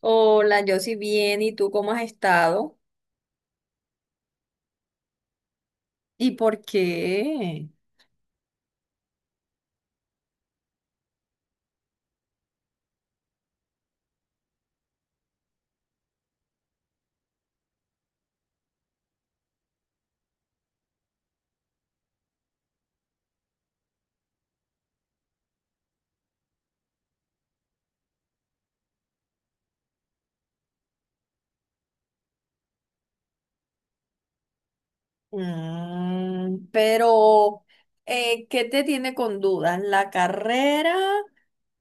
Hola, yo sí bien, ¿y tú cómo has estado? ¿Y por qué? Mm, pero, ¿qué te tiene con dudas? ¿La carrera?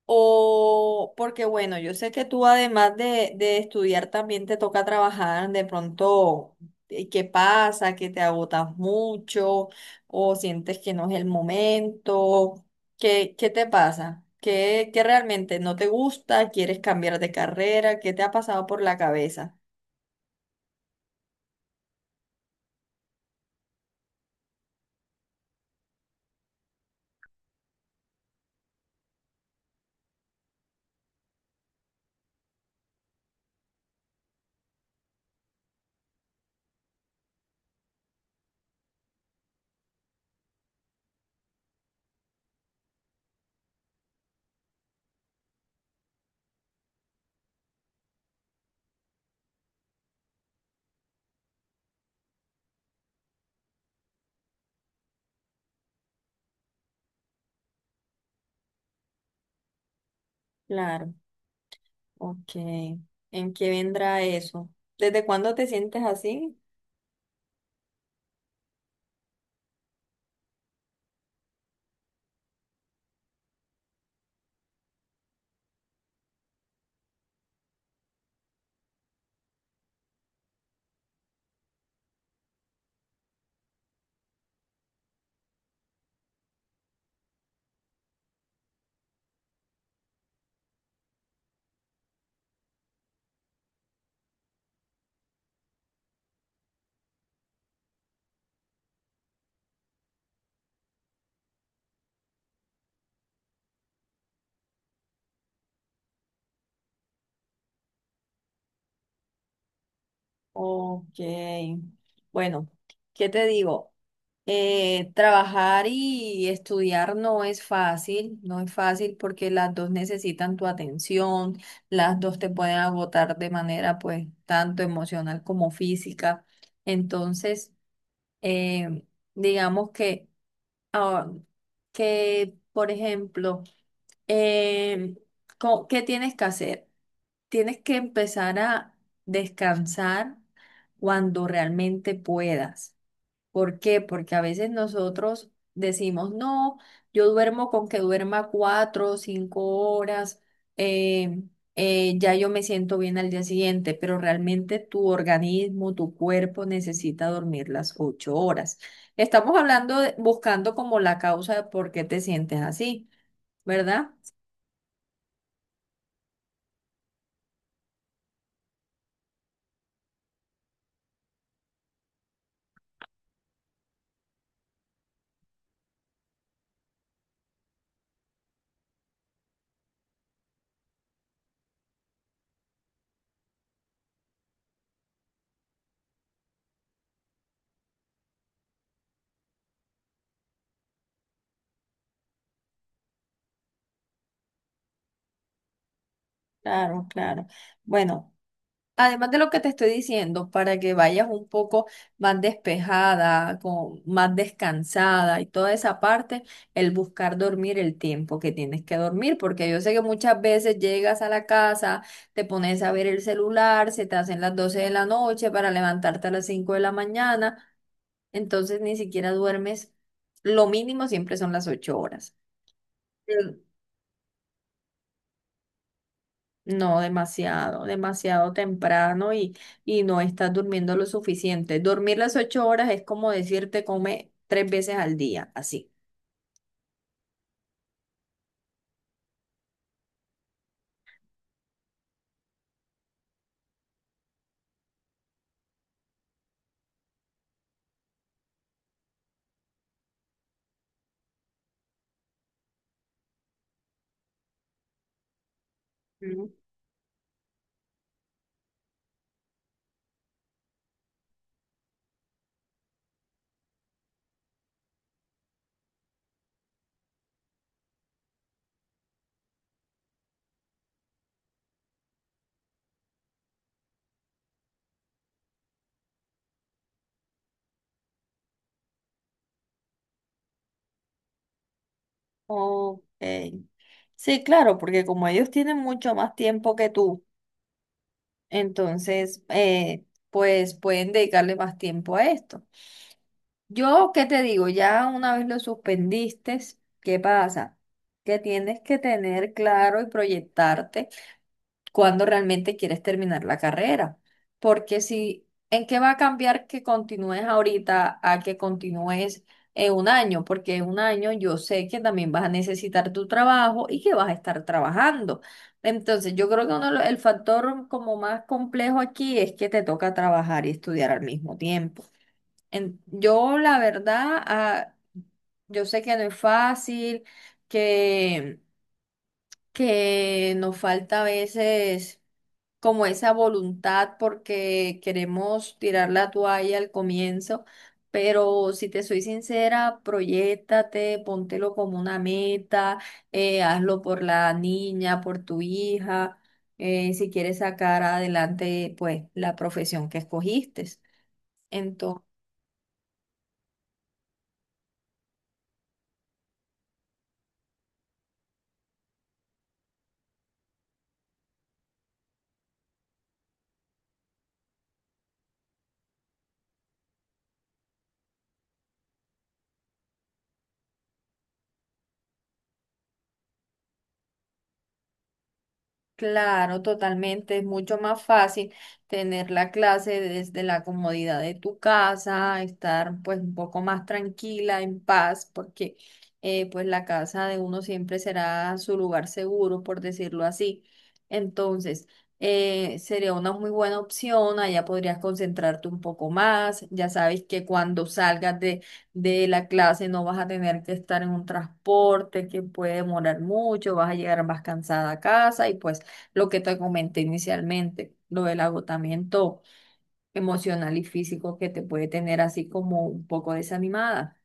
O porque bueno, yo sé que tú además de estudiar también te toca trabajar, de pronto, ¿qué pasa? ¿Que te agotas mucho? ¿O sientes que no es el momento? ¿Qué te pasa? ¿Qué realmente no te gusta? ¿Quieres cambiar de carrera? ¿Qué te ha pasado por la cabeza? Claro, ok. ¿En qué vendrá eso? ¿Desde cuándo te sientes así? Ok. Bueno, ¿qué te digo? Trabajar y estudiar no es fácil, no es fácil porque las dos necesitan tu atención, las dos te pueden agotar de manera pues tanto emocional como física. Entonces, eh, digamos que, ah, por ejemplo, em, ¿qué tienes que hacer? Tienes que empezar a descansar cuando realmente puedas. ¿Por qué? Porque a veces nosotros decimos, no, yo duermo con que duerma 4 o 5 horas, eh, ya yo me siento bien al día siguiente, pero realmente tu organismo, tu cuerpo necesita dormir las 8 horas. Estamos hablando, buscando como la causa de por qué te sientes así, ¿verdad? Claro, claro. Bueno. Además de lo que te estoy diciendo, para que vayas un poco más despejada, más descansada y toda esa parte, el buscar dormir el tiempo que tienes que dormir, porque yo sé que muchas veces llegas a la casa, te pones a ver el celular, se te hacen las 12 de la noche para levantarte a las 5 de la mañana, entonces ni siquiera duermes, lo mínimo siempre son las 8 horas. No, demasiado, demasiado temprano y no estás durmiendo lo suficiente. Dormir las ocho horas es como decirte come tres veces al día, así. Mm. Ok. Sí, claro, porque como ellos tienen mucho más tiempo que tú, entonces, pues pueden dedicarle más tiempo a esto. Yo, ¿qué te digo? Ya una vez lo suspendiste, ¿qué pasa? Que tienes que tener claro y proyectarte, cuando realmente quieres terminar la carrera. Porque si, ¿en qué va a cambiar que continúes ahorita a que continúes en un año? Porque en un año yo sé que también vas a necesitar tu trabajo y que vas a estar trabajando. Entonces, yo creo que uno, el factor como más complejo aquí es que te toca trabajar y estudiar al mismo tiempo. Yo, la verdad, yo sé que no es fácil, que, que nos falta a veces como esa voluntad porque queremos tirar la toalla al comienzo, pero si te soy sincera, proyéctate, póntelo como una meta, hazlo por la niña, por tu hija, si quieres sacar adelante pues la profesión que escogiste. Claro, totalmente. Es mucho más fácil tener la clase desde la comodidad de tu casa, estar pues un poco más tranquila, en paz, porque pues la casa de uno siempre será su lugar seguro, por decirlo así. Entonces, sería una muy buena opción, allá podrías concentrarte un poco más. Ya sabes que cuando salgas de la clase no vas a tener que estar en un transporte que puede demorar mucho, vas a llegar más cansada a casa y pues lo que te comenté inicialmente, lo del agotamiento emocional y físico que te puede tener así como un poco desanimada.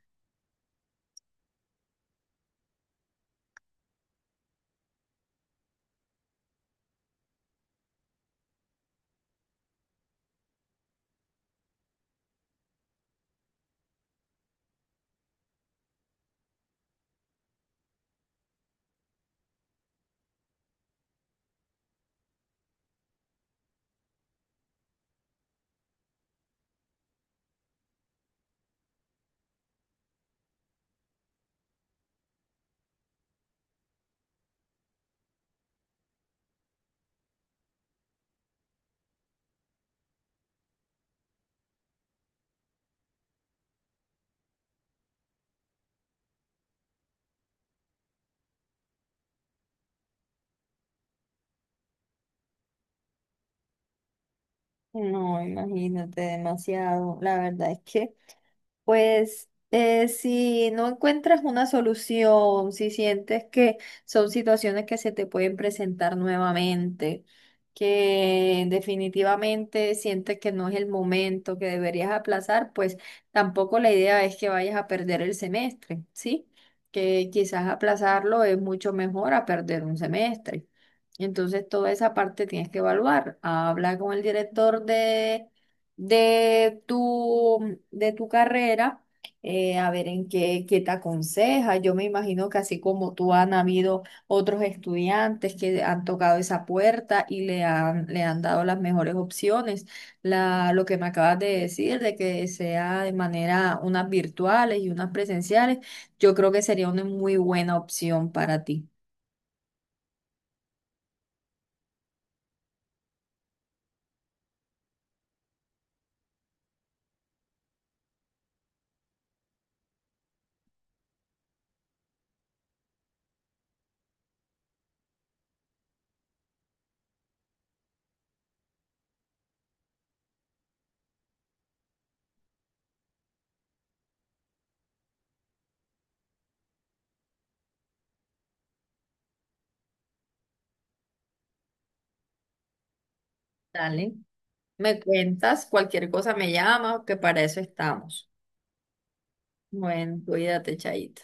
No, imagínate, demasiado. La verdad es que si no encuentras una solución, si sientes que son situaciones que se te pueden presentar nuevamente, que definitivamente sientes que no es el momento, que deberías aplazar, pues tampoco la idea es que vayas a perder el semestre, ¿sí? Que quizás aplazarlo es mucho mejor a perder un semestre. Entonces toda esa parte tienes que evaluar. Habla con el director de tu carrera, a ver en qué, te aconseja. Yo me imagino que así como tú han habido otros estudiantes que han tocado esa puerta y le han dado las mejores opciones. Lo que me acabas de decir, de que sea de manera unas virtuales y unas presenciales, yo creo que sería una muy buena opción para ti. Dale. Me cuentas, cualquier cosa me llama, que para eso estamos. Bueno, cuídate, Chaito.